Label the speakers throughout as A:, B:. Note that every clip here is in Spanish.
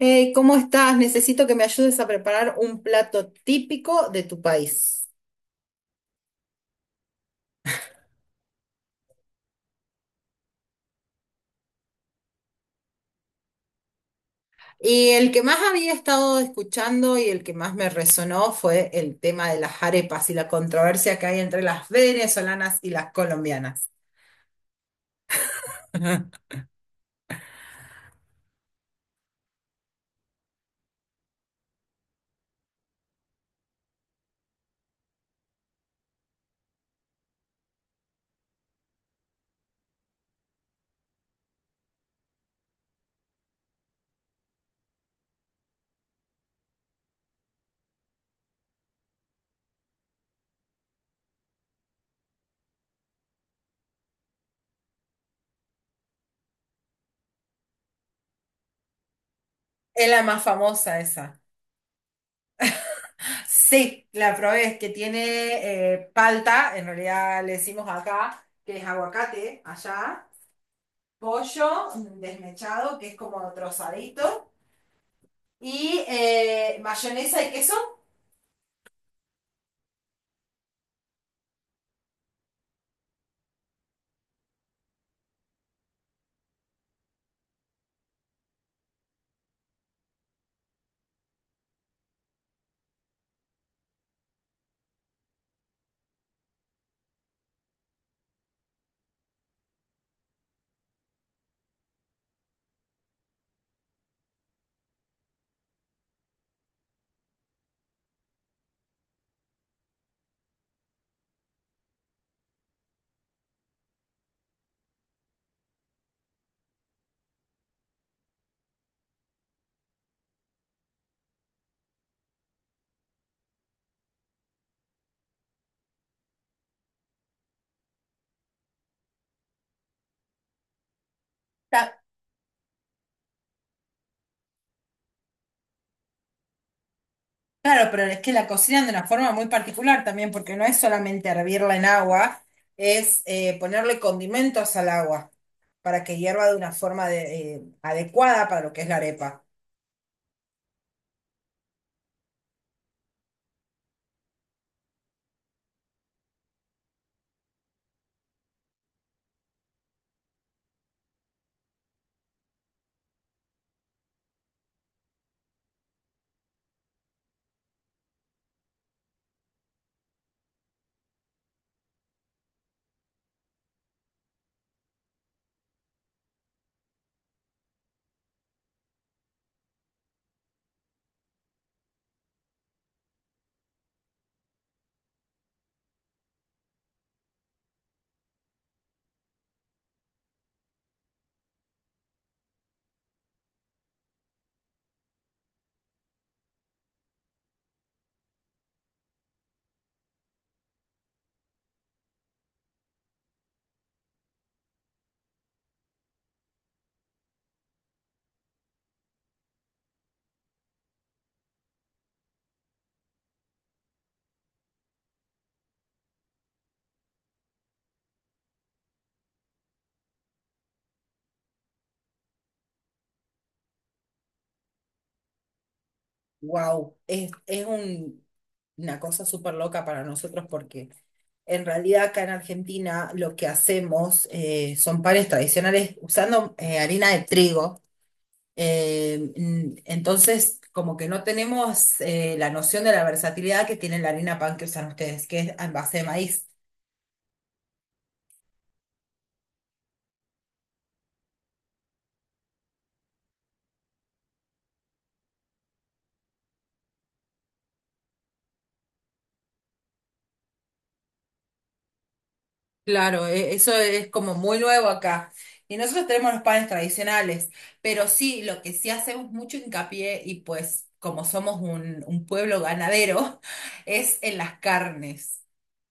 A: Hey, ¿cómo estás? Necesito que me ayudes a preparar un plato típico de tu país. Y el que más había estado escuchando y el que más me resonó fue el tema de las arepas y la controversia que hay entre las venezolanas y las colombianas. Es la más famosa esa. Sí, la probé, es que tiene palta, en realidad le decimos acá, que es aguacate, allá, pollo desmechado, que es como trozadito, y mayonesa y queso. Claro, pero es que la cocinan de una forma muy particular también, porque no es solamente hervirla en agua, es ponerle condimentos al agua para que hierva de una adecuada para lo que es la arepa. Wow, una cosa súper loca para nosotros porque en realidad acá en Argentina lo que hacemos son panes tradicionales usando harina de trigo. Entonces, como que no tenemos la noción de la versatilidad que tiene la harina pan que usan ustedes, que es en base de maíz. Claro, eso es como muy nuevo acá. Y nosotros tenemos los panes tradicionales, pero sí, lo que sí hacemos mucho hincapié, y pues como somos un pueblo ganadero, es en las carnes.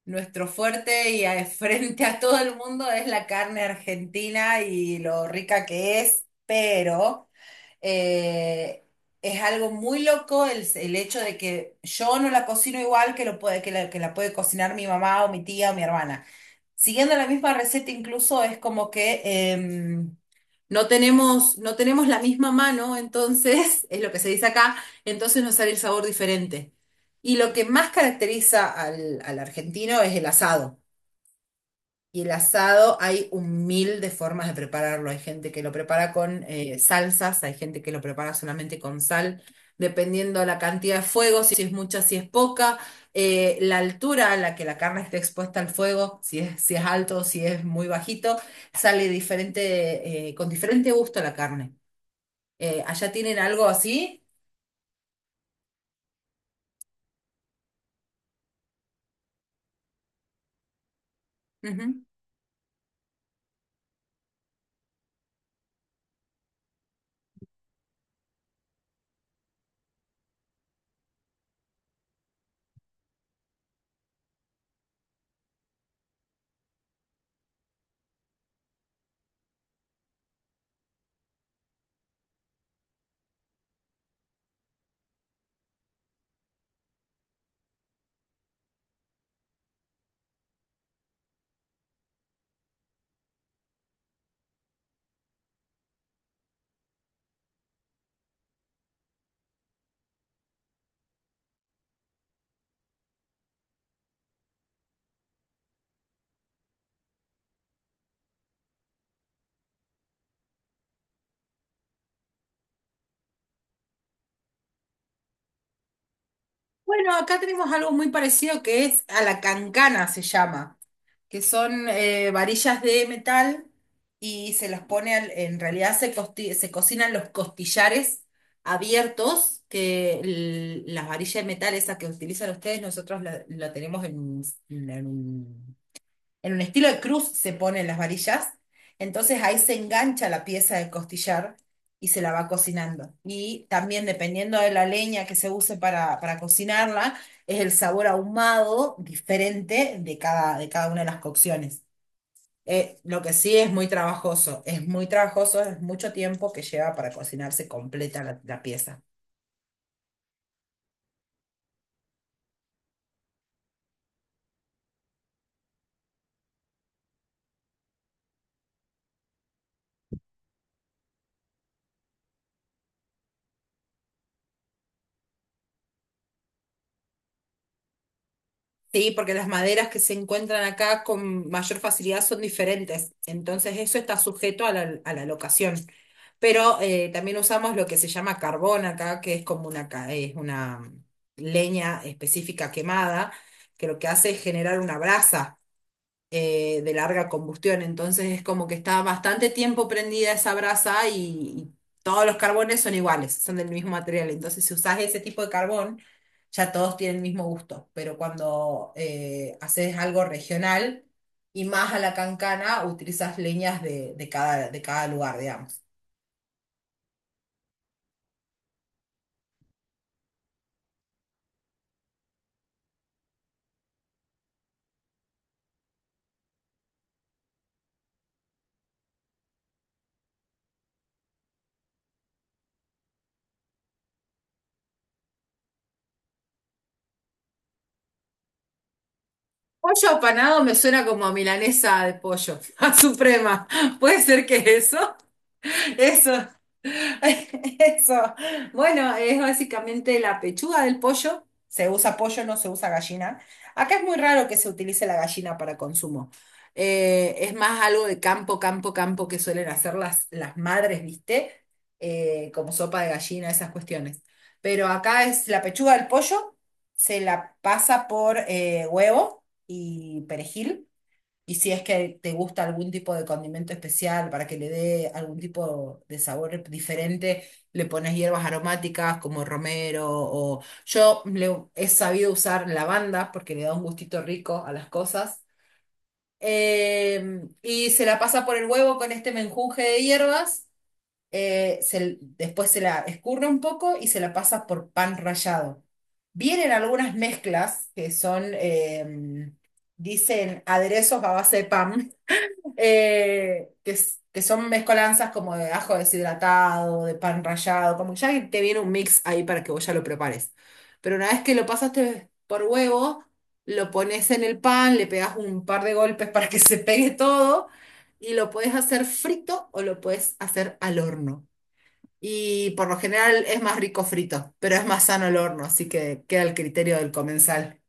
A: Nuestro fuerte y frente a todo el mundo es la carne argentina y lo rica que es, pero eh, es algo muy loco el hecho de que yo no la cocino igual que, lo puede, que la puede cocinar mi mamá o mi tía o mi hermana. Siguiendo la misma receta, incluso es como que em, no tenemos la misma mano, entonces, es lo que se dice acá, entonces nos sale el sabor diferente. Y lo que más caracteriza al argentino es el asado. Y el asado hay un mil de formas de prepararlo. Hay gente que lo prepara con salsas, hay gente que lo prepara solamente con sal, dependiendo la cantidad de fuego, si es mucha, si es poca, la altura a la que la carne esté expuesta al fuego, si es alto, si es muy bajito, sale diferente, con diferente gusto la carne. ¿Allá tienen algo así? Ujú. Bueno, acá tenemos algo muy parecido que es a la cancana, se llama, que son varillas de metal y se las pone, en realidad se cocinan los costillares abiertos, que las varillas de metal esas que utilizan ustedes, nosotros la tenemos en en un estilo de cruz se ponen las varillas, entonces ahí se engancha la pieza de costillar y se la va cocinando. Y también dependiendo de la leña que se use para cocinarla, es el sabor ahumado diferente de cada una de las cocciones. Lo que sí es muy trabajoso, es muy trabajoso, es mucho tiempo que lleva para cocinarse completa la pieza. Sí, porque las maderas que se encuentran acá con mayor facilidad son diferentes. Entonces eso está sujeto a a la locación. Pero también usamos lo que se llama carbón acá, que es como una, es una leña específica quemada, que lo que hace es generar una brasa de larga combustión, entonces es como que está bastante tiempo prendida esa brasa y todos los carbones son iguales, son del mismo material, entonces si usás ese tipo de carbón, ya todos tienen el mismo gusto, pero cuando haces algo regional y más a la cancana, utilizas leñas de cada lugar, digamos. Pollo apanado me suena como a milanesa de pollo, a suprema. ¿Puede ser que es eso? Eso. Eso. Bueno, es básicamente la pechuga del pollo. Se usa pollo, no se usa gallina. Acá es muy raro que se utilice la gallina para consumo. Es más algo de campo, campo, campo que suelen hacer las madres, ¿viste? Como sopa de gallina, esas cuestiones. Pero acá es la pechuga del pollo, se la pasa por huevo y perejil. Y si es que te gusta algún tipo de condimento especial para que le dé algún tipo de sabor diferente, le pones hierbas aromáticas como romero o he sabido usar lavanda porque le da un gustito rico a las cosas. Y se la pasa por el huevo con este menjunje de hierbas. Después se la escurre un poco y se la pasa por pan rallado. Vienen algunas mezclas que son, dicen aderezos a base de pan que, que son mezcolanzas como de ajo deshidratado, de pan rallado, como que ya te viene un mix ahí para que vos ya lo prepares. Pero una vez que lo pasaste por huevo, lo pones en el pan, le pegas un par de golpes para que se pegue todo y lo puedes hacer frito o lo puedes hacer al horno. Y por lo general es más rico frito, pero es más sano el horno, así que queda el criterio del comensal.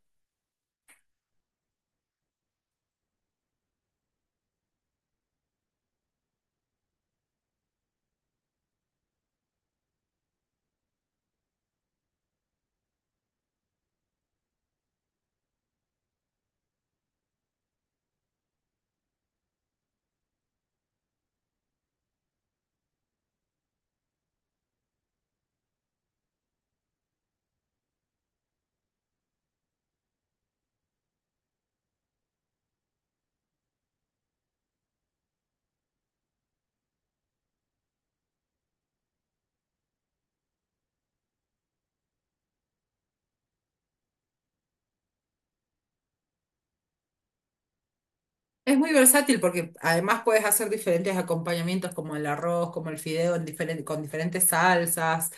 A: Es muy versátil porque además puedes hacer diferentes acompañamientos como el arroz, como el fideo en con diferentes salsas,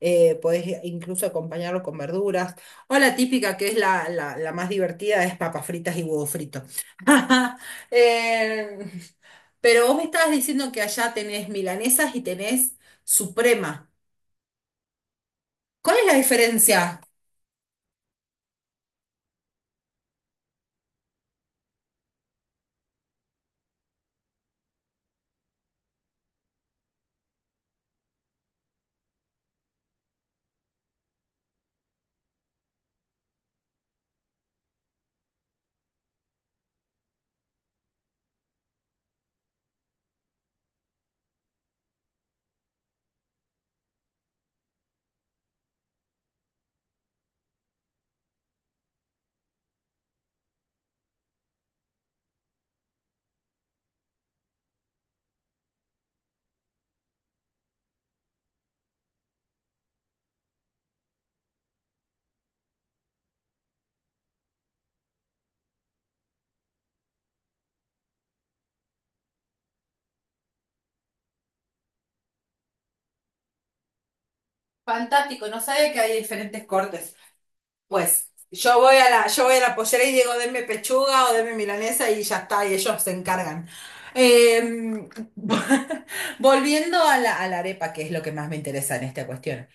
A: podés incluso acompañarlo con verduras. O la típica que es la más divertida es papas fritas y huevo frito. Eh, pero vos me estabas diciendo que allá tenés milanesas y tenés suprema. ¿Cuál es la diferencia? Fantástico, no sabía que hay diferentes cortes. Pues yo voy a la pollera y digo, denme pechuga o denme milanesa y ya está, y ellos se encargan. Eh, Volviendo a a la arepa, que es lo que más me interesa en esta cuestión.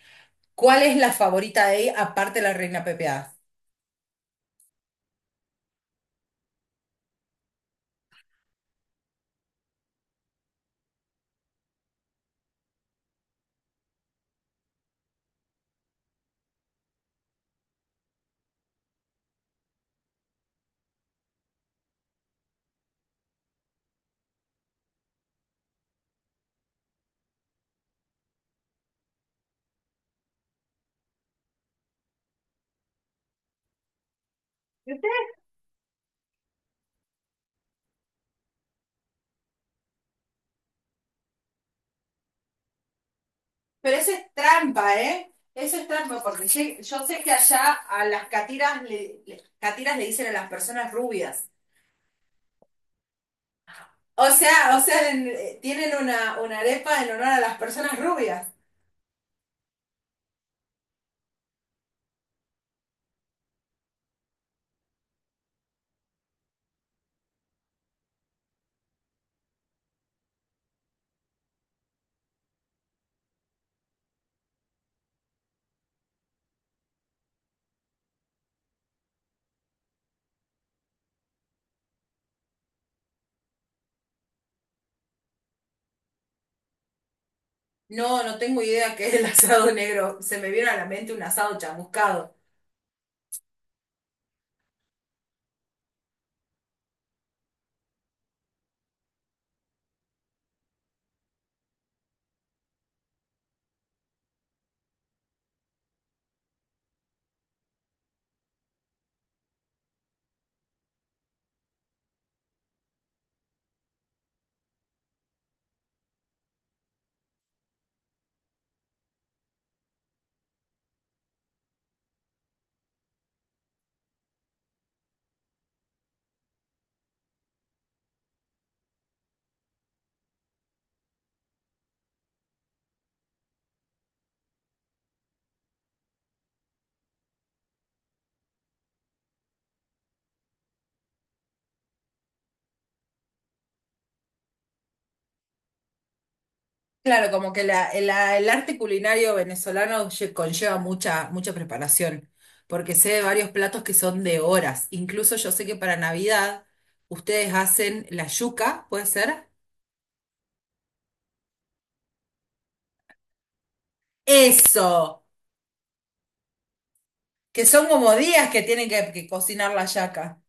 A: ¿Cuál es la favorita de ahí aparte de la reina pepeada? Pero eso es trampa, ¿eh? Eso es trampa, porque sí, yo sé que allá a las catiras catiras le dicen a las personas rubias. O sea, tienen una arepa en honor a las personas rubias. No, no tengo idea qué es el asado negro. Se me vino a la mente un asado chamuscado. Claro, como que el arte culinario venezolano conlleva mucha, mucha preparación, porque sé de varios platos que son de horas. Incluso yo sé que para Navidad ustedes hacen la yuca, ¿puede ser? Eso, que son como días que tienen que cocinar la yaca.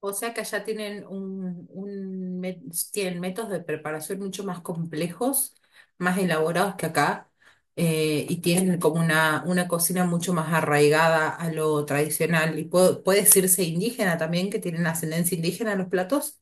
A: O sea que allá tienen un, tienen métodos de preparación mucho más complejos, más elaborados que acá, y tienen como una cocina mucho más arraigada a lo tradicional. Y puede, puede decirse indígena también, que tienen ascendencia indígena en los platos.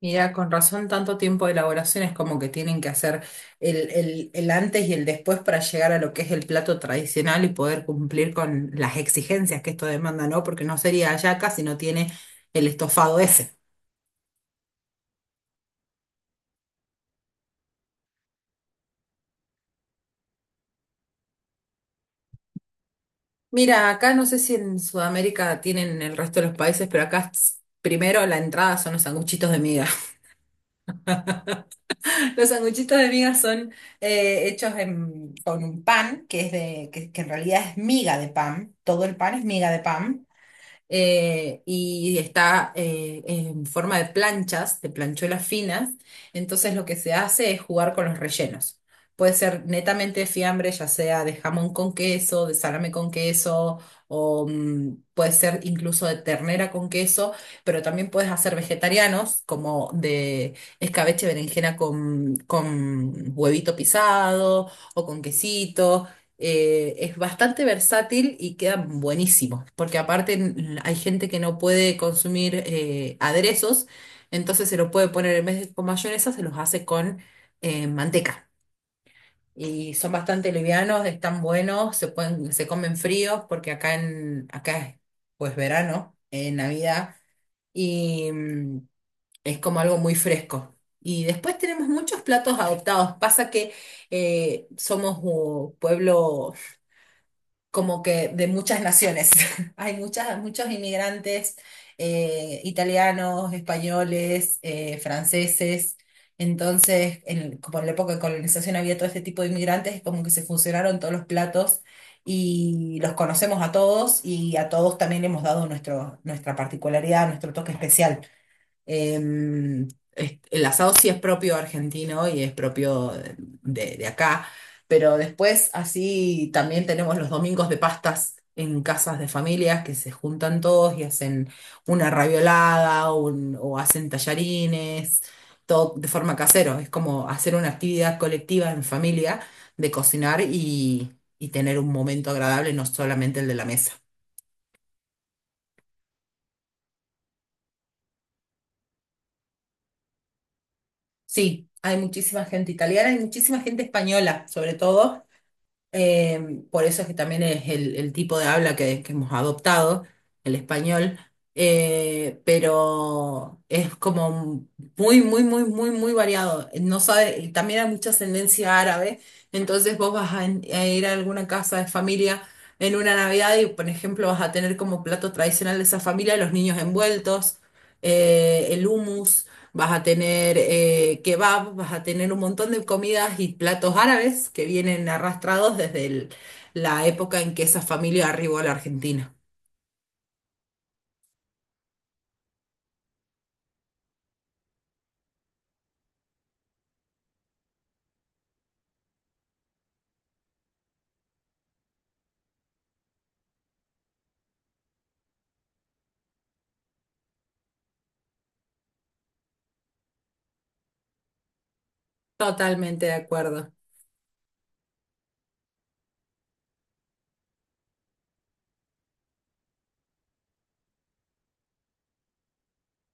A: Mira, con razón, tanto tiempo de elaboración es como que tienen que hacer el antes y el después para llegar a lo que es el plato tradicional y poder cumplir con las exigencias que esto demanda, ¿no? Porque no sería hallaca si no tiene el estofado ese. Mira, acá no sé si en Sudamérica tienen en el resto de los países, pero primero la entrada son los sanguchitos de miga. Los sanguchitos de miga son con un pan que es que en realidad es miga de pan. Todo el pan es miga de pan y está en forma de planchas, de planchuelas finas. Entonces lo que se hace es jugar con los rellenos. Puede ser netamente fiambre, ya sea de jamón con queso, de salame con queso, o mm, puede ser incluso de ternera con queso, pero también puedes hacer vegetarianos, como de escabeche berenjena con huevito pisado o con quesito es bastante versátil y quedan buenísimos, porque aparte hay gente que no puede consumir aderezos, entonces se los puede poner en vez de con mayonesa, se los hace con manteca. Y son bastante livianos, están buenos, se pueden, se comen fríos, porque acá es pues verano, Navidad, y es como algo muy fresco. Y después tenemos muchos platos adoptados. Pasa que somos pueblo como que de muchas naciones. Hay muchos inmigrantes italianos, españoles, franceses. Entonces, como en la época de colonización había todo este tipo de inmigrantes, como que se fusionaron todos los platos y los conocemos a todos y a todos también le hemos dado nuestra particularidad, nuestro toque especial. Eh, el asado sí es propio argentino y es propio acá, pero después así también tenemos los domingos de pastas en casas de familias que se juntan todos y hacen una raviolada o hacen tallarines, todo de forma casero. Es como hacer una actividad colectiva en familia de cocinar y tener un momento agradable, no solamente el de la mesa. Sí, hay muchísima gente italiana y muchísima gente española, sobre todo. Por eso es que también es el tipo de habla que hemos adoptado, el español, pero es como muy, muy, muy, muy, muy variado. No sabe, y también hay mucha ascendencia árabe, entonces vos vas a ir a alguna casa de familia en una Navidad y, por ejemplo, vas a tener como plato tradicional de esa familia los niños envueltos, el hummus. Vas a tener kebab, vas a tener un montón de comidas y platos árabes que vienen arrastrados desde la época en que esa familia arribó a la Argentina. Totalmente de acuerdo.